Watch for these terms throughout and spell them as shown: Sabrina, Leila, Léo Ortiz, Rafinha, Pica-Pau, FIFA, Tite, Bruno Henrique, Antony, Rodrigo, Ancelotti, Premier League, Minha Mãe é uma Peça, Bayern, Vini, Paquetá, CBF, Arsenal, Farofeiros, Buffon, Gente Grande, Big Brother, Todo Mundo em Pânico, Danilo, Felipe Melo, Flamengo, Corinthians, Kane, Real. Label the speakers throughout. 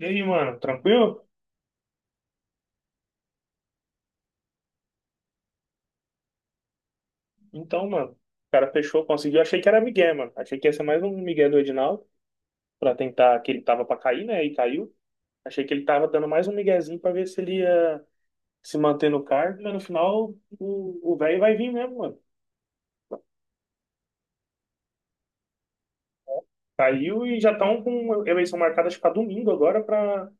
Speaker 1: E aí, mano, tranquilo? Então, mano, o cara fechou, conseguiu. Achei que era Miguel, mano. Achei que ia ser mais um Miguel do Edinaldo, pra tentar, que ele tava pra cair, né? E caiu. Achei que ele tava dando mais um miguezinho pra ver se ele ia se manter no cargo, mas no final o velho vai vir mesmo, mano. Caiu e já estão com eleição marcada, acho que pra domingo agora,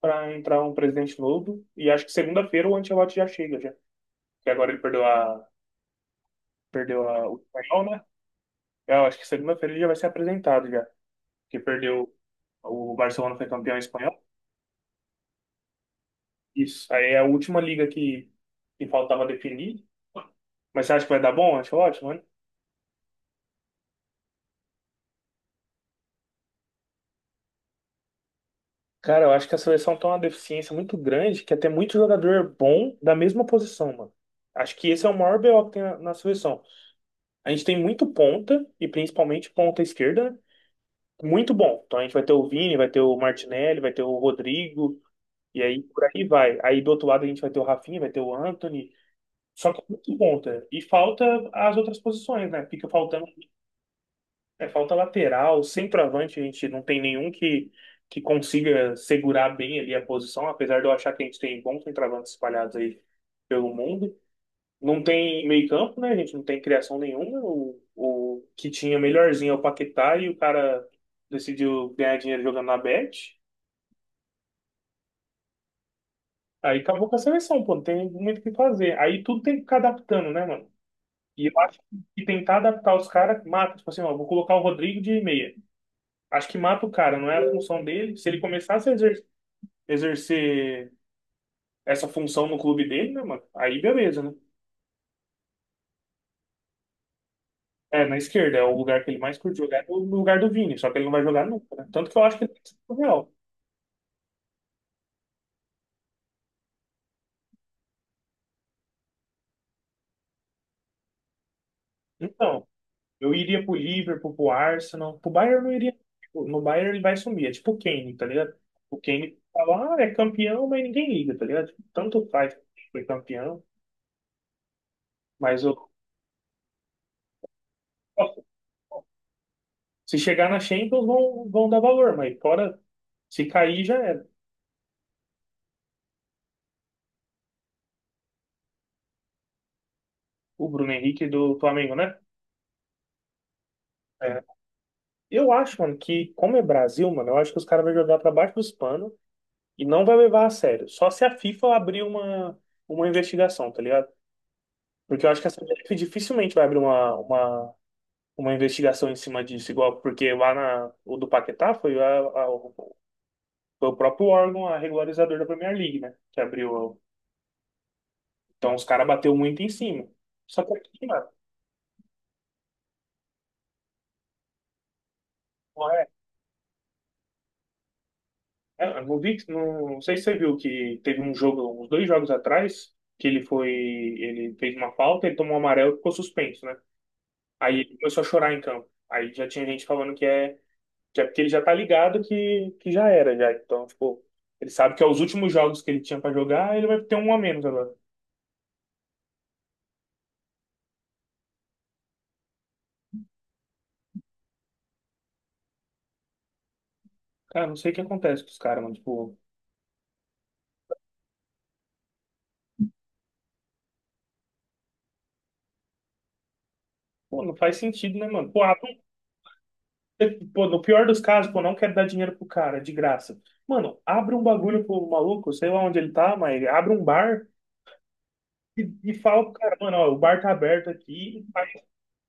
Speaker 1: pra entrar um presidente novo. E acho que segunda-feira o Ancelotti já chega, já. Porque agora ele perdeu perdeu a, o espanhol, né? Eu acho que segunda-feira ele já vai ser apresentado já. Que perdeu. O Barcelona foi campeão espanhol. Isso. Aí é a última liga que faltava definir. Mas você acha que vai dar bom? Acho ótimo, né? Cara, eu acho que a seleção tem uma deficiência muito grande que até muito jogador bom da mesma posição, mano. Acho que esse é o maior BO que tem na seleção. A gente tem muito ponta, e principalmente ponta esquerda, né? Muito bom. Então a gente vai ter o Vini, vai ter o Martinelli, vai ter o Rodrigo, e aí por aí vai. Aí do outro lado a gente vai ter o Rafinha, vai ter o Antony. Só que é muito ponta e falta as outras posições, né? Fica faltando, é, falta lateral, centroavante, a gente não tem nenhum que consiga segurar bem ali a posição, apesar de eu achar que a gente tem bons centroavantes espalhados aí pelo mundo. Não tem meio-campo, né? A gente não tem criação nenhuma. O que tinha melhorzinho é o Paquetá e o cara decidiu ganhar dinheiro jogando na Bet. Aí acabou com a seleção, pô, não tem muito o que fazer. Aí tudo tem que ficar adaptando, né, mano? E eu acho que tentar adaptar os caras mata. Tipo assim, ó, vou colocar o Rodrigo de meia. Acho que mata o cara, não é a função dele. Se ele começasse a exercer essa função no clube dele, né, mano? Aí beleza, né? É, na esquerda, é o lugar que ele mais curte jogar, é o lugar do Vini, só que ele não vai jogar nunca, né? Tanto que eu acho que ele tem que ser pro Real. Então, eu iria pro Liverpool, pro Arsenal, pro Bayern eu não iria. Tipo, no Bayern ele vai sumir, é tipo o Kane, tá ligado? O Kane fala, ah, é campeão, mas ninguém liga, tá ligado? Tipo, tanto faz, que foi campeão, mas eu. Se chegar na Champions, vão dar valor, mas fora, se cair, já era. O Bruno Henrique do Flamengo, né? É. Eu acho, mano, que como é Brasil, mano, eu acho que os caras vão jogar pra baixo dos panos e não vai levar a sério. Só se a FIFA abrir uma investigação, tá ligado? Porque eu acho que a CBF dificilmente vai abrir uma investigação em cima disso, igual porque lá na, o do Paquetá foi, foi o próprio órgão, a regularizador da Premier League, né? Que abriu. Então os caras bateu muito em cima. Só que aqui, mano, é, eu não vi, não, não sei se você viu que teve um jogo, uns 2 jogos atrás, que ele foi, ele fez uma falta, ele tomou um amarelo e ficou suspenso, né? Aí ele começou a chorar em campo. Aí já tinha gente falando que é porque ele já tá ligado que já era, já. Então, tipo, ele sabe que é os últimos jogos que ele tinha pra jogar, ele vai ter um a menos agora. Cara, não sei o que acontece com os caras, mano. Tipo, pô, não faz sentido, né, mano? Pô, pô, no pior dos casos, pô, não quero dar dinheiro pro cara, de graça. Mano, abre um bagulho pro maluco, sei lá onde ele tá, mas abre um bar, e fala pro cara, mano, ó, o bar tá aberto aqui,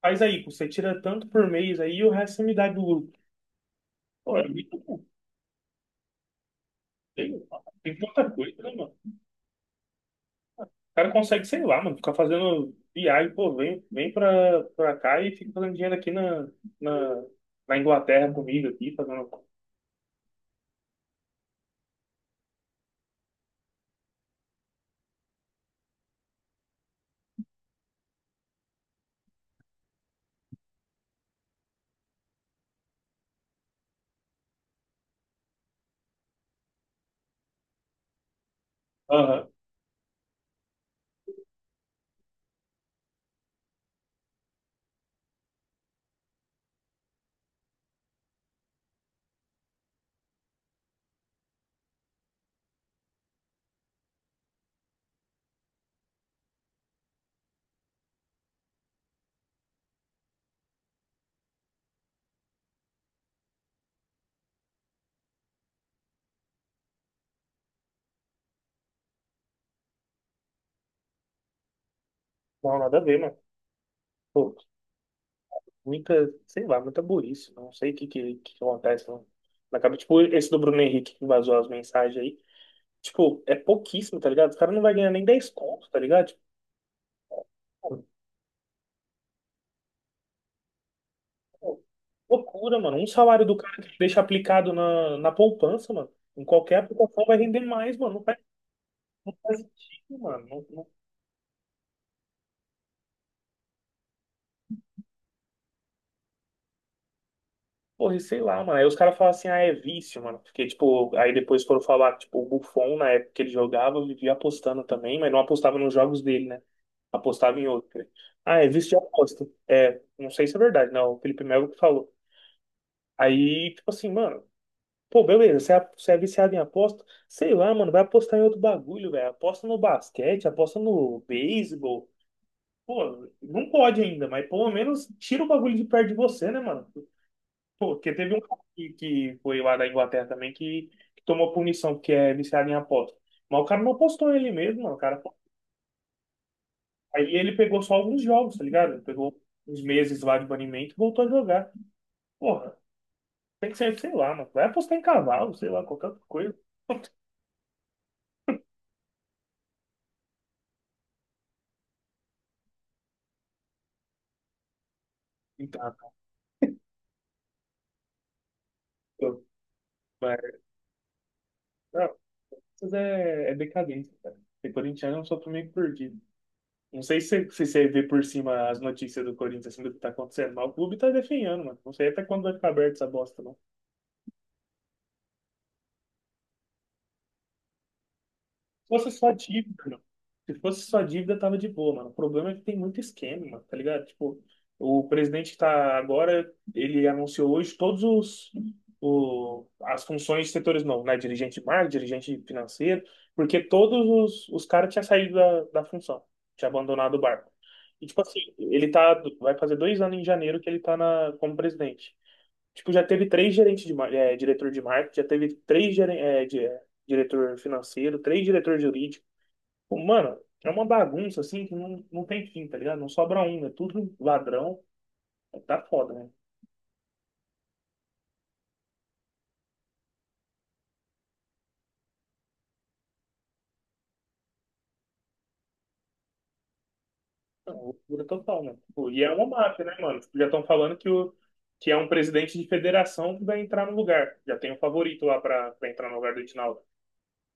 Speaker 1: faz aí, você tira tanto por mês aí e o resto você me dá do lucro. Pô, é muito bom. Tem, tem tanta coisa, né, mano? O cara consegue, sei lá, mano, ficar fazendo viagem, pô, vem pra cá e fica fazendo dinheiro aqui na, na Inglaterra comigo aqui, fazendo. Aham. Não, nada a ver, mano. Pô, muita, sei lá, muita burrice. Não sei o que acontece, mano. Na cabeça, tipo, esse do Bruno Henrique que vazou as mensagens aí. Tipo, é pouquíssimo, tá ligado? Os caras não vai ganhar nem 10 conto, tá ligado? Tipo, pô, pô, loucura, mano. Um salário do cara que deixa aplicado na poupança, mano. Em qualquer aplicação vai render mais, mano. Não faz sentido, mano. Não, não... Porra, e sei lá, mano. Aí os caras falam assim, ah, é vício, mano. Porque, tipo, aí depois foram falar, tipo, o Buffon, na época que ele jogava, vivia apostando também, mas não apostava nos jogos dele, né? Apostava em outro. Ah, é vício de aposta. É, não sei se é verdade, não. O Felipe Melo que falou. Aí, tipo assim, mano, pô, beleza, você você é viciado em aposta? Sei lá, mano, vai apostar em outro bagulho, velho. Aposta no basquete, aposta no beisebol. Pô, não pode ainda, mas pelo menos tira o bagulho de perto de você, né, mano? Pô, porque teve um cara que foi lá da Inglaterra também que tomou punição, porque é viciado em aposta. Mas o cara não apostou ele mesmo, mano. O cara... Aí ele pegou só alguns jogos, tá ligado? Ele pegou uns meses lá de banimento e voltou a jogar. Porra, tem que ser, sei lá, mano. Vai apostar em cavalo, sei lá, qualquer outra coisa. Então, pô, mas- Corinthians é decadência, cara. Ser corintiano é um sopro meio perdido. Não sei se você vê por cima as notícias do Corinthians, assim, do que tá acontecendo, mas o clube tá definhando, mano. Não sei até quando vai ficar aberto essa bosta, não. Fosse só dívida, mano. Se fosse só dívida, tava de boa, mano. O problema é que tem muito esquema, mano, tá ligado? Tipo, o presidente que tá agora, ele anunciou hoje todos os o, as funções de setores novos, né? Dirigente de marketing, dirigente financeiro, porque todos os caras tinham saído da função, tinha abandonado o barco. E tipo assim, ele tá, vai fazer 2 anos em janeiro que ele tá na, como presidente. Tipo, já teve 3 gerentes de, é, diretor de marketing, já teve três é, diretor financeiro, 3 diretor jurídico. Pô, mano, é uma bagunça assim que não tem fim, tá ligado? Não sobra um, é tudo ladrão. É, tá foda, né? Não, loucura total, né? Pô, e é uma máfia, né, mano? Tipo, já estão falando que, o, que é um presidente de federação que vai entrar no lugar. Já tem um favorito lá pra entrar no lugar do Edinaldo.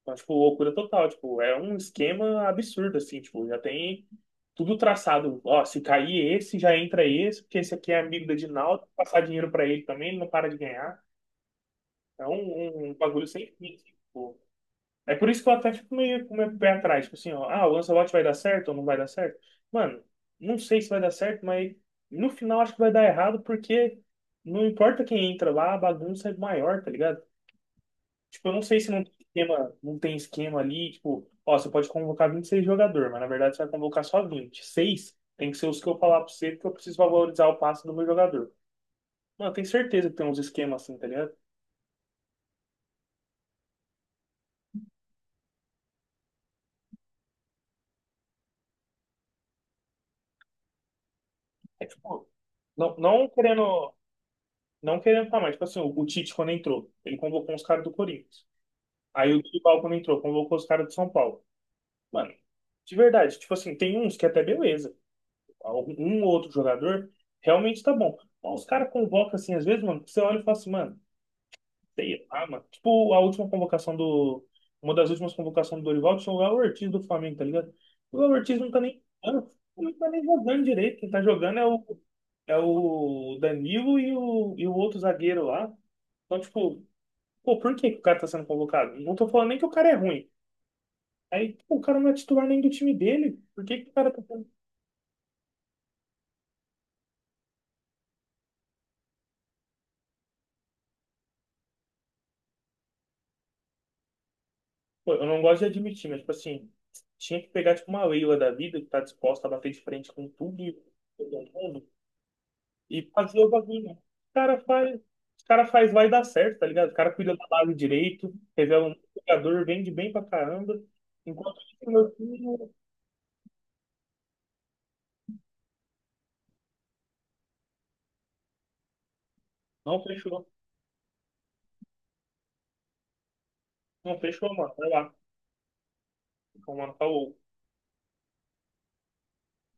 Speaker 1: Mas, tipo, loucura total, tipo, é um esquema absurdo, assim, tipo, já tem tudo traçado. Ó, se cair esse, já entra esse, porque esse aqui é amigo da Dinaldo, passar dinheiro pra ele também, ele não para de ganhar. É um bagulho sem fim, assim, tipo. É por isso que eu até fico meio com o meu pé atrás, tipo assim, ó, ah, o Ancelotti vai dar certo ou não vai dar certo? Mano, não sei se vai dar certo, mas no final acho que vai dar errado, porque não importa quem entra lá, a bagunça é maior, tá ligado? Tipo, eu não sei se não tem esquema, não tem esquema ali, tipo, ó, você pode convocar 26 jogadores, mas na verdade você vai convocar só 26, tem que ser os que eu falar pra você, porque eu preciso valorizar o passe do meu jogador. Mano, eu tenho certeza que tem uns esquemas assim, tá ligado? É tipo, não, não querendo, não querendo tá mais, tipo assim, o Tite quando entrou, ele convocou uns caras do Corinthians. Aí o Dorival quando entrou, convocou os caras do São Paulo. Mano, de verdade, tipo assim, tem uns que é até beleza. Um ou outro jogador realmente tá bom. Mas os caras convocam assim, às vezes, mano, que você olha e fala assim, mano. Sei lá, mano. Tipo, a última convocação do. Uma das últimas convocações do Dorival tinha o Léo Ortiz do Flamengo, tá ligado? O Léo Ortiz não tá nem jogando, não tá nem jogando direito. Quem tá jogando é é o Danilo e o outro zagueiro lá. Então, tipo, pô, por que que o cara tá sendo convocado? Não tô falando nem que o cara é ruim. Aí, pô, o cara não é titular nem do time dele. Por que que o cara tá sendo. Pô, eu não gosto de admitir, mas, tipo assim, tinha que pegar, tipo, uma Leila da vida que tá disposta a bater de frente com tudo e todo mundo e fazer o bagulho. O cara faz, os cara faz, vai dar certo, tá ligado? O cara cuida da base direito, revela um jogador, vende bem pra caramba. Enquanto isso, meu time não fechou. Não fechou, mano. Vai lá. Vou matar o